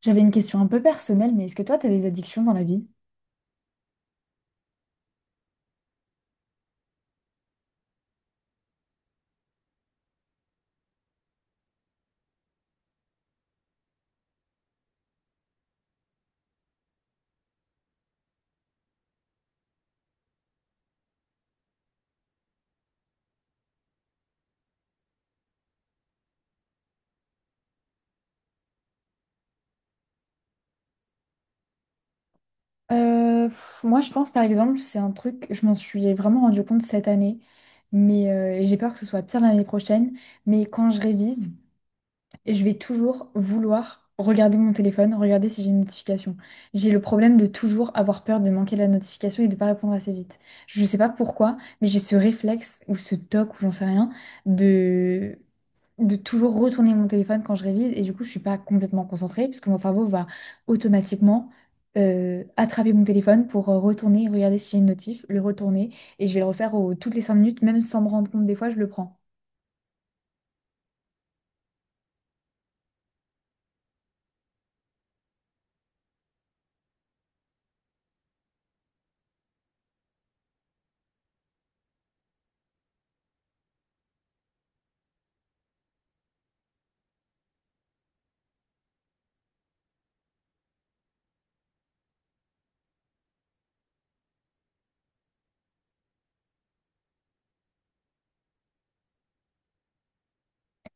J'avais une question un peu personnelle, mais est-ce que toi, t'as des addictions dans la vie? Moi, je pense par exemple, c'est un truc, je m'en suis vraiment rendu compte cette année, mais et j'ai peur que ce soit pire l'année prochaine. Mais quand je révise, je vais toujours vouloir regarder mon téléphone, regarder si j'ai une notification. J'ai le problème de toujours avoir peur de manquer la notification et de pas répondre assez vite. Je sais pas pourquoi, mais j'ai ce réflexe ou ce toc ou j'en sais rien de de toujours retourner mon téléphone quand je révise et du coup je suis pas complètement concentrée puisque mon cerveau va automatiquement attraper mon téléphone pour retourner, regarder si j'ai une notif, le retourner et je vais le refaire toutes les 5 minutes même sans me rendre compte des fois je le prends.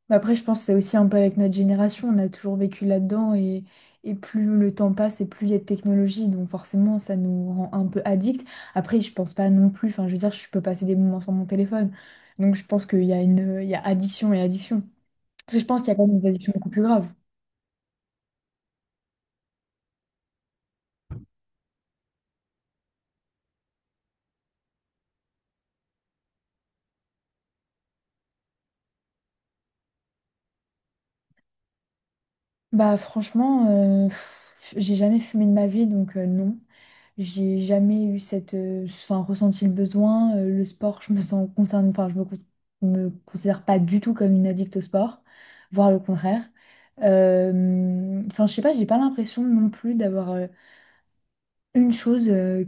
Mais après je pense que c'est aussi un peu avec notre génération, on a toujours vécu là-dedans et plus le temps passe et plus il y a de technologie donc forcément ça nous rend un peu addict. Après je pense pas non plus, enfin je veux dire je peux passer des moments sans mon téléphone donc je pense qu'il y a une, il y a addiction et addiction. Parce que je pense qu'il y a quand même des addictions beaucoup plus graves. Bah franchement, j'ai jamais fumé de ma vie, donc non. J'ai jamais eu cette, enfin, ressenti le besoin. Le sport, je me sens concerne, enfin, je me considère pas du tout comme une addict au sport, voire le contraire. Enfin, je sais pas, j'ai pas l'impression non plus d'avoir une chose,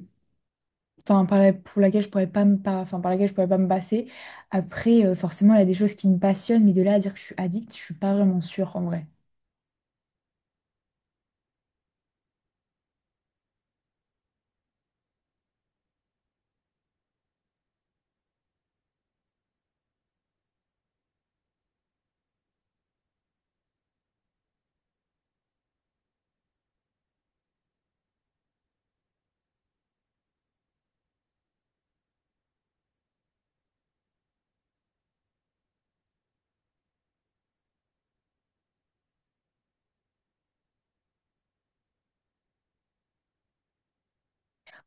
enfin, pour laquelle je pourrais pas enfin, par laquelle je pourrais pas me passer. Après, forcément, il y a des choses qui me passionnent, mais de là à dire que je suis addict, je suis pas vraiment sûre en vrai.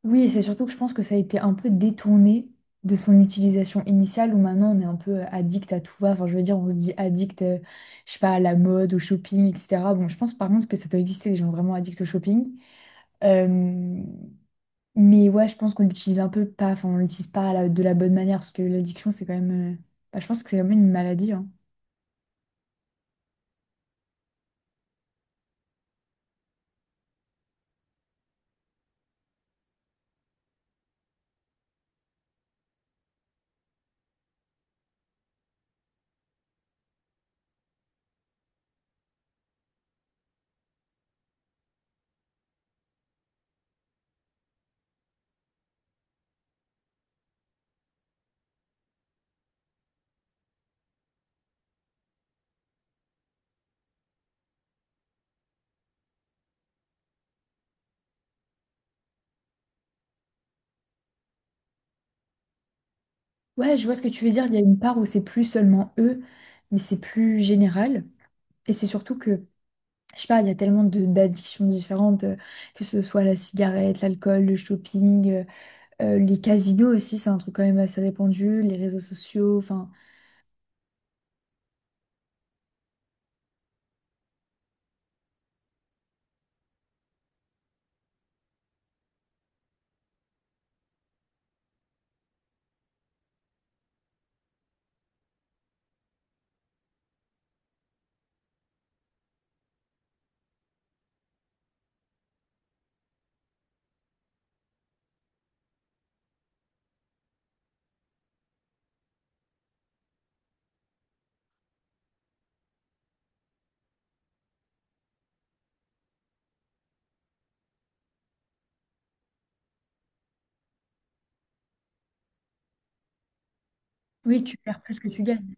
Oui, et c'est surtout que je pense que ça a été un peu détourné de son utilisation initiale où maintenant on est un peu addict à tout va. Enfin, je veux dire, on se dit addict, je sais pas, à la mode, au shopping, etc. Bon, je pense par contre que ça doit exister des gens vraiment addicts au shopping. Euh, mais ouais, je pense qu'on l'utilise un peu pas, enfin, on l'utilise pas de la bonne manière parce que l'addiction, c'est quand même, bah, je pense que c'est quand même une maladie, hein. Ouais, je vois ce que tu veux dire. Il y a une part où c'est plus seulement eux, mais c'est plus général. Et c'est surtout que je sais pas, il y a tellement de d'addictions différentes, que ce soit la cigarette, l'alcool, le shopping, les casinos aussi, c'est un truc quand même assez répandu, les réseaux sociaux, enfin, oui, tu perds plus que tu gagnes.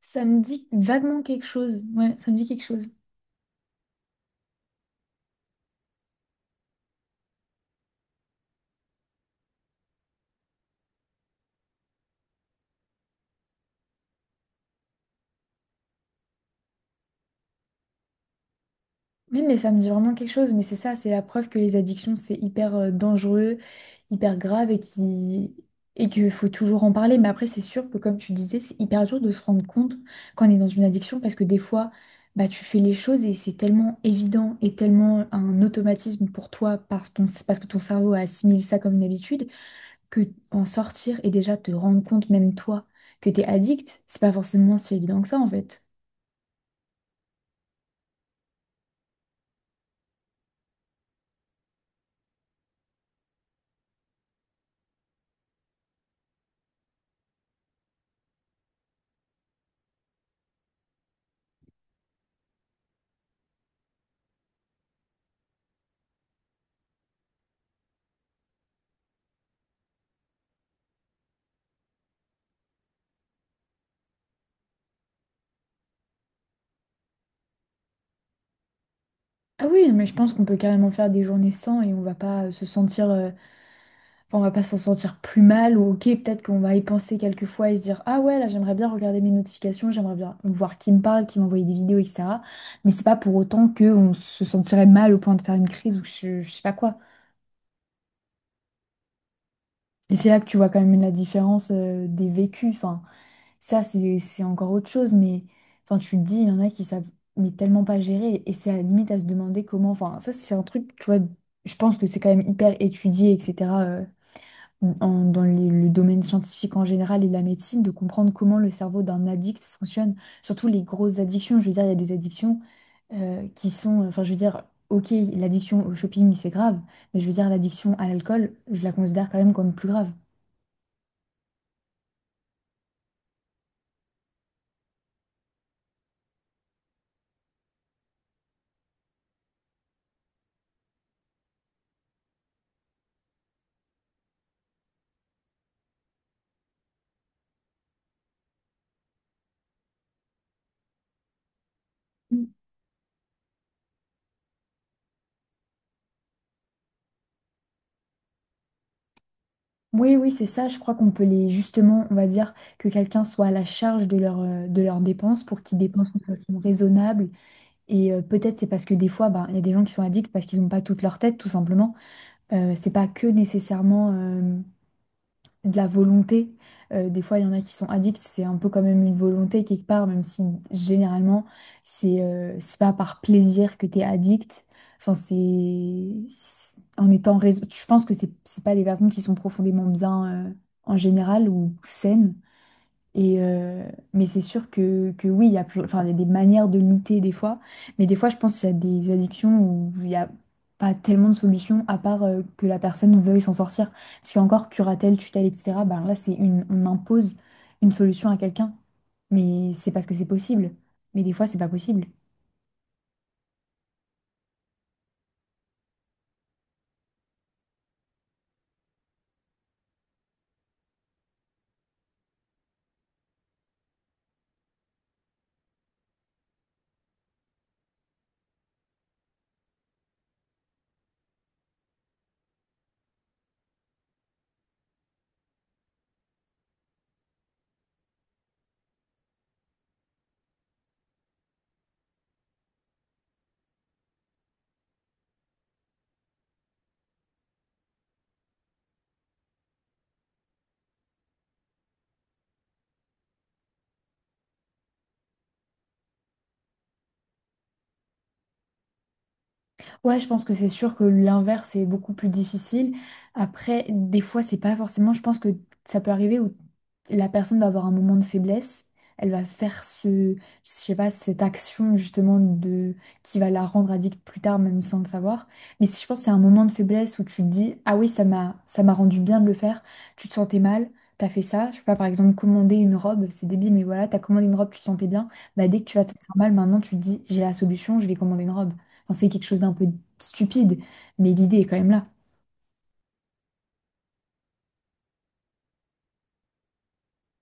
Ça me dit vaguement quelque chose, ouais, ça me dit quelque chose. Oui, mais ça me dit vraiment quelque chose, mais c'est ça, c'est la preuve que les addictions, c'est hyper dangereux, hyper grave et qu'il faut toujours en parler. Mais après, c'est sûr que comme tu disais, c'est hyper dur de se rendre compte quand on est dans une addiction parce que des fois, bah, tu fais les choses et c'est tellement évident et tellement un automatisme pour toi parce que ton cerveau assimile ça comme une habitude que en sortir et déjà te rendre compte, même toi, que t'es addict, c'est pas forcément si évident que ça en fait. Ah oui, mais je pense qu'on peut carrément faire des journées sans et on va pas se sentir, enfin, on va pas s'en sentir plus mal ou ok, peut-être qu'on va y penser quelques fois et se dire ah ouais là j'aimerais bien regarder mes notifications, j'aimerais bien voir qui me parle, qui m'envoie des vidéos, etc. Mais c'est pas pour autant que on se sentirait mal au point de faire une crise ou je sais pas quoi. Et c'est là que tu vois quand même la différence, des vécus. Enfin, ça, c'est encore autre chose, mais enfin, tu te dis, il y en a qui savent mais tellement pas gérer, et c'est à la limite à se demander comment. Enfin, ça, c'est un truc, tu vois, je pense que c'est quand même hyper étudié, etc., dans le domaine scientifique en général et la médecine, de comprendre comment le cerveau d'un addict fonctionne, surtout les grosses addictions. Je veux dire, il y a des addictions qui sont, enfin, je veux dire, ok, l'addiction au shopping, c'est grave, mais je veux dire, l'addiction à l'alcool, je la considère quand même comme plus grave. Oui, oui, c'est ça. Je crois qu'on peut les, justement, on va dire que quelqu'un soit à la charge de leur, de leurs dépenses pour qu'ils dépensent de façon raisonnable. Et peut-être c'est parce que des fois, ben, il y a des gens qui sont addicts parce qu'ils n'ont pas toute leur tête, tout simplement. C'est pas que nécessairement. De la volonté. Des fois, il y en a qui sont addicts, c'est un peu quand même une volonté quelque part, même si généralement, c'est pas par plaisir que tu es addict. Enfin, c'est en étant raison. Je pense que c'est pas des personnes qui sont profondément bien en général ou saines. Et euh, mais c'est sûr que oui, il y a, enfin, il y a des manières de lutter des fois, mais des fois, je pense qu'il y a des addictions où il n'y a pas tellement de solutions à part que la personne veuille s'en sortir. Parce qu'encore, curatelle, tutelle, etc., ben là, c'est une, on impose une solution à quelqu'un, mais c'est parce que c'est possible. Mais des fois, c'est pas possible. Ouais, je pense que c'est sûr que l'inverse est beaucoup plus difficile. Après, des fois, c'est pas forcément. Je pense que ça peut arriver où la personne va avoir un moment de faiblesse. Elle va faire ce, je sais pas, cette action justement de qui va la rendre addict plus tard, même sans le savoir. Mais si je pense que c'est un moment de faiblesse où tu te dis, ah oui, ça m'a rendu bien de le faire. Tu te sentais mal, t'as fait ça. Je sais pas, par exemple, commander une robe, c'est débile, mais voilà, t'as commandé une robe, tu te sentais bien. Bah dès que tu vas te sentir mal, maintenant tu te dis, j'ai la solution, je vais commander une robe. Enfin, c'est quelque chose d'un peu stupide, mais l'idée est quand même là.